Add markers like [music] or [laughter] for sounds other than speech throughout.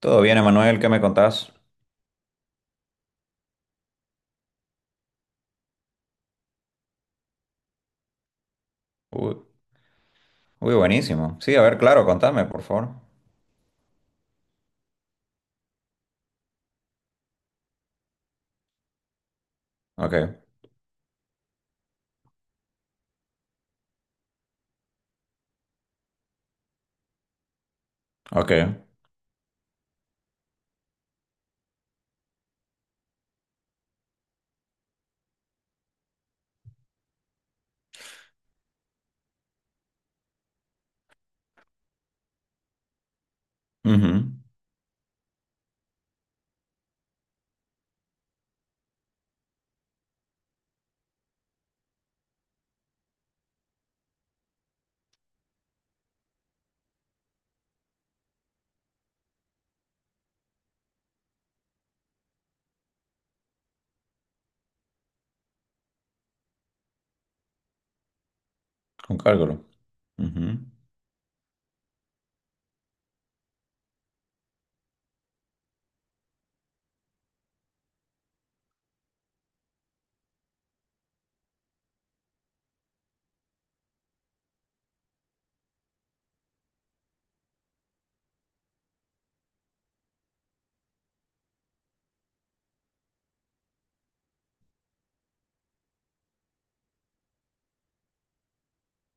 Todo bien, Emanuel, ¿qué me contás? Uy, uy, buenísimo. Sí, a ver, claro, contame, por favor. Ok, ok. Ujú. Con cálculo. Ujú,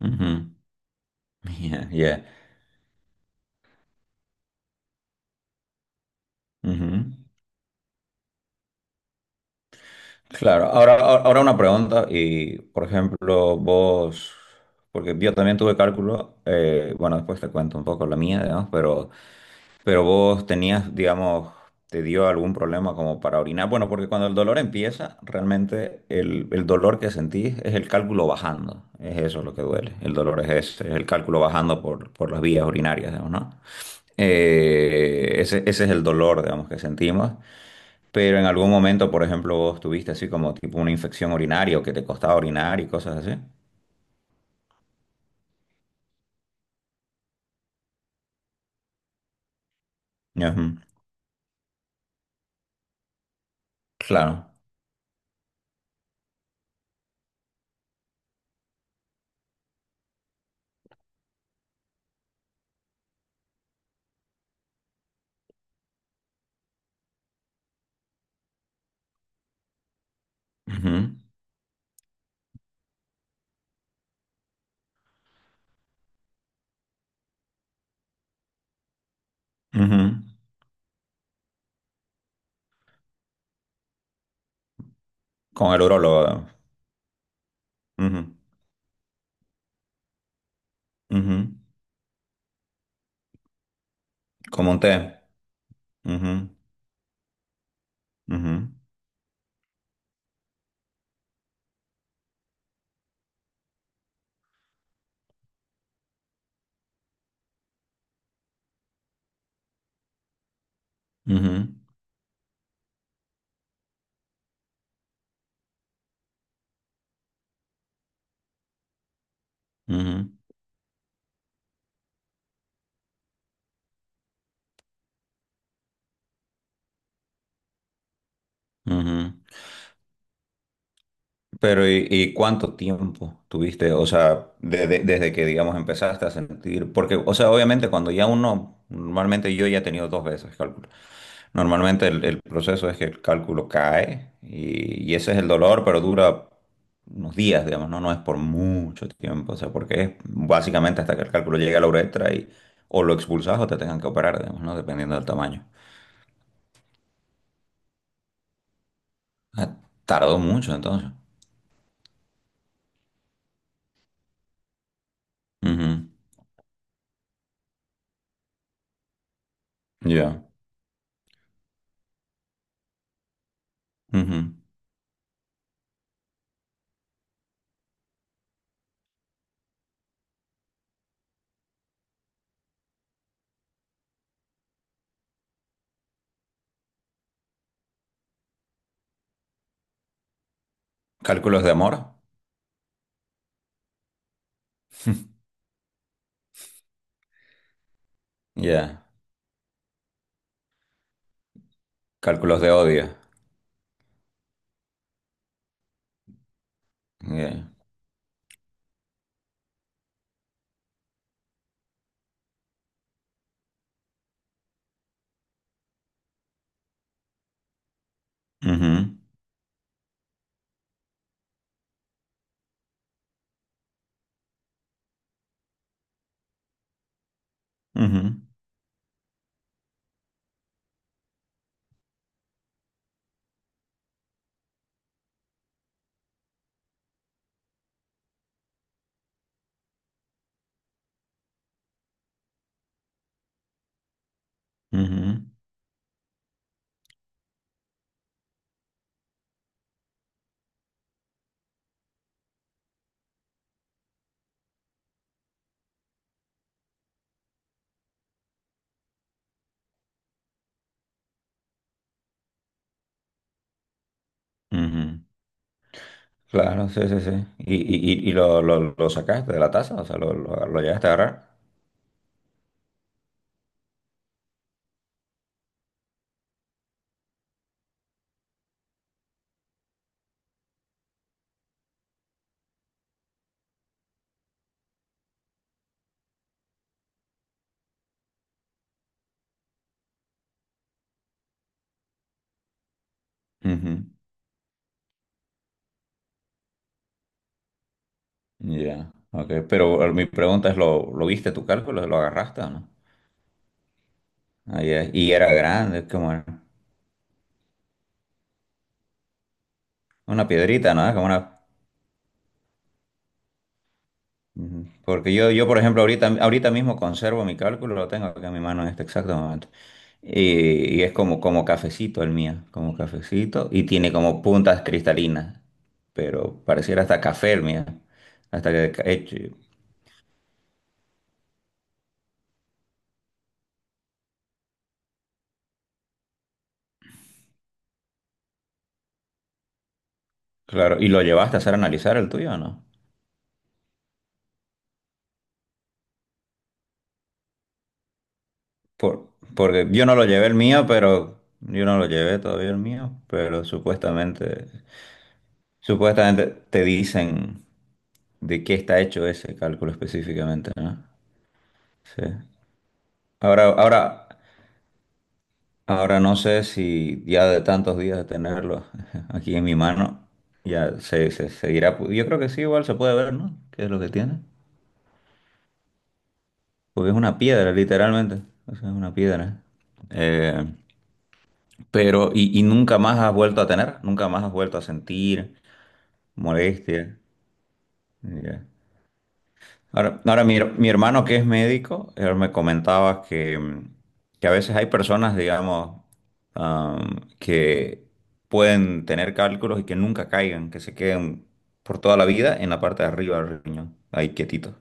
ujú. [laughs] Yeah, yeah. Ujú. Claro, ahora una pregunta y, por ejemplo, vos, porque yo también tuve cálculo, bueno, después te cuento un poco la mía, digamos, pero vos tenías, digamos, ¿te dio algún problema como para orinar? Bueno, porque cuando el dolor empieza, realmente el dolor que sentís es el cálculo bajando. Es eso lo que duele. El dolor es ese, es el cálculo bajando por las vías urinarias, digamos, ¿no? Ese es el dolor, digamos, que sentimos. Pero en algún momento, por ejemplo, ¿vos tuviste así como tipo una infección urinaria o que te costaba orinar y cosas así? Ujú. Claro. Ujú, ujú. Con el urólogo. Ujú, ujú. Como un té. Ujú, ujú, ujú, ujú, ujú. Pero ¿y cuánto tiempo tuviste? O sea, desde que, digamos, empezaste a sentir, porque, o sea, obviamente cuando ya uno, normalmente yo ya he tenido dos veces cálculo. Normalmente el proceso es que el cálculo cae y ese es el dolor, pero dura unos días, digamos, ¿no? No es por mucho tiempo, o sea, porque es básicamente hasta que el cálculo llegue a la uretra y o lo expulsas o te tengan que operar, digamos, ¿no? Dependiendo del tamaño. Ah, tardó mucho entonces. Ujú. Ya. Ujú. Cálculos de amor. Ya. Cálculos de odio. Ya. Ujú. Ujú. Ujú. Ujú. Claro, sí, sí, sí. ¿Y lo sacaste de la taza? O sea, ¿lo llegaste a agarrar? Ujú. Ya. Ok. Pero mi pregunta es, ¿lo viste tu cálculo? ¿Lo agarraste o no? Ah, ya. Y era grande, es como una piedrita, ¿no? Es como una. Ujú. Porque yo, por ejemplo, ahorita mismo conservo mi cálculo, lo tengo acá en mi mano en este exacto momento. Y es como cafecito el mío, como cafecito, y tiene como puntas cristalinas, pero pareciera hasta café el mío, hasta que he hecho, claro, ¿y lo llevaste a hacer analizar el tuyo o no? Porque yo no lo llevé el mío, pero yo no lo llevé todavía el mío, pero supuestamente te dicen de qué está hecho ese cálculo específicamente, ¿no? Sí. Ahora, ahora, ahora no sé si ya de tantos días de tenerlo [laughs] aquí en mi mano, ya se seguirá. Yo creo que sí, igual se puede ver, ¿no? ¿Qué es lo que tiene? Porque es una piedra, literalmente. O sea, es una piedra. Eh, pero y nunca más has vuelto a tener? ¿Nunca más has vuelto a sentir molestia? Ya. Ahora mi hermano que es médico, él me comentaba que a veces hay personas, digamos, que pueden tener cálculos y que nunca caigan, que se queden por toda la vida en la parte de arriba del riñón, ahí quietitos,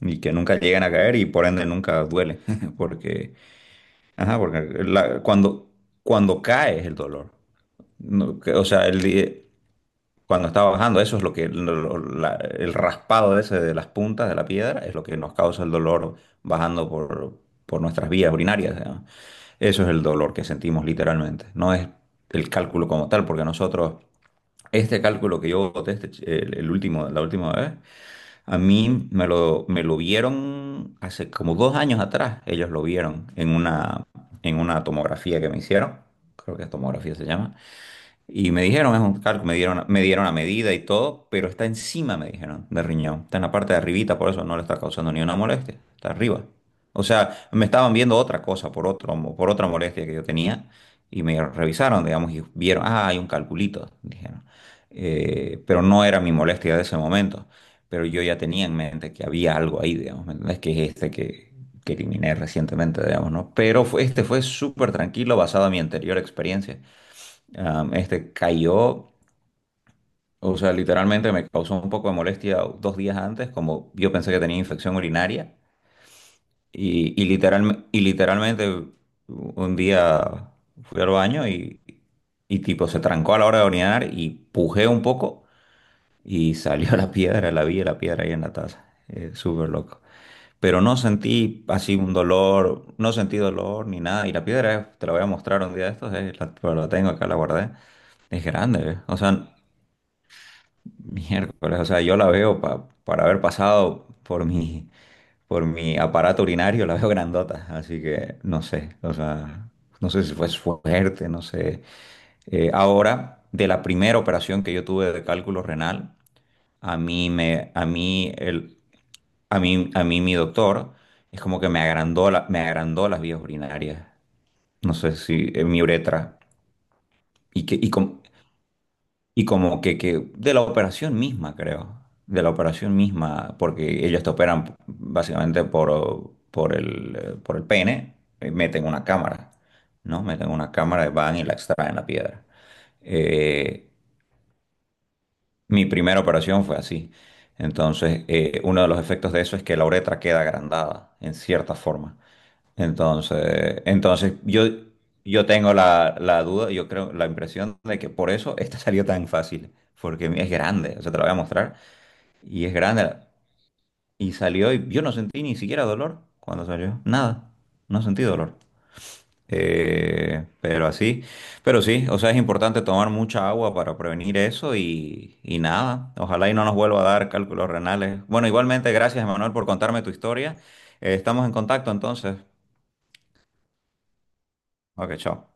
y que nunca lleguen a caer y por ende nunca duele, [laughs] porque, ajá, porque cuando cae es el dolor. No, o sea, cuando está bajando, eso es lo que el raspado ese de las puntas de la piedra es lo que nos causa el dolor bajando por nuestras vías urinarias, digamos. Eso es el dolor que sentimos literalmente. No es el cálculo como tal, porque nosotros, este cálculo que yo boté, el último, la última vez, a mí me lo vieron hace como dos años atrás. Ellos lo vieron en una tomografía que me hicieron, creo que es tomografía se llama y me dijeron, es un calco, me dieron la medida y todo, pero está encima, me dijeron, del riñón. Está en la parte de arribita, por eso no le está causando ni una molestia. Está arriba. O sea, me estaban viendo otra cosa por otra molestia que yo tenía y me revisaron, digamos, y vieron, ah, hay un calculito, dijeron. Pero no era mi molestia de ese momento. Pero yo ya tenía en mente que había algo ahí, digamos, ¿me entendés? Que es este que eliminé recientemente, digamos, ¿no? Pero este fue súper tranquilo basado en mi anterior experiencia. Este cayó, o sea, literalmente me causó un poco de molestia dos días antes, como yo pensé que tenía infección urinaria, y literalmente un día fui al baño y tipo se trancó a la hora de orinar y pujé un poco y salió [laughs] la piedra, la vi la piedra ahí en la taza. Súper loco. Pero no sentí así un dolor, no sentí dolor ni nada, y la piedra, te la voy a mostrar un día de estos, pero la tengo acá, la guardé. Es grande, eh. O sea, miércoles, o sea, yo la veo para haber pasado por mi aparato urinario, la veo grandota, así que no sé, o sea, no sé si fue suerte, no sé. Ahora, de la primera operación que yo tuve de cálculo renal, a mí me, a mí el, a mí mi doctor es como que me agrandó me agrandó las vías urinarias, no sé si en mi uretra y que y com- y como que de la operación misma, creo, de la operación misma, porque ellos te operan básicamente por el pene, meten una cámara, ¿no? Meten una cámara, y van y la extraen la piedra. Eh, Mi primera operación fue así. Entonces, uno de los efectos de eso es que la uretra queda agrandada, en cierta forma. Entonces yo tengo la duda, yo creo, la impresión de que por eso esta salió tan fácil, porque es grande, o sea, te la voy a mostrar, y es grande, y salió, y yo no sentí ni siquiera dolor cuando salió, nada, no sentí dolor. Pero así, pero sí, o sea, es importante tomar mucha agua para prevenir eso y nada, ojalá y no nos vuelva a dar cálculos renales. Bueno, igualmente, gracias, Emanuel, por contarme tu historia. Estamos en contacto entonces. Ok, chao.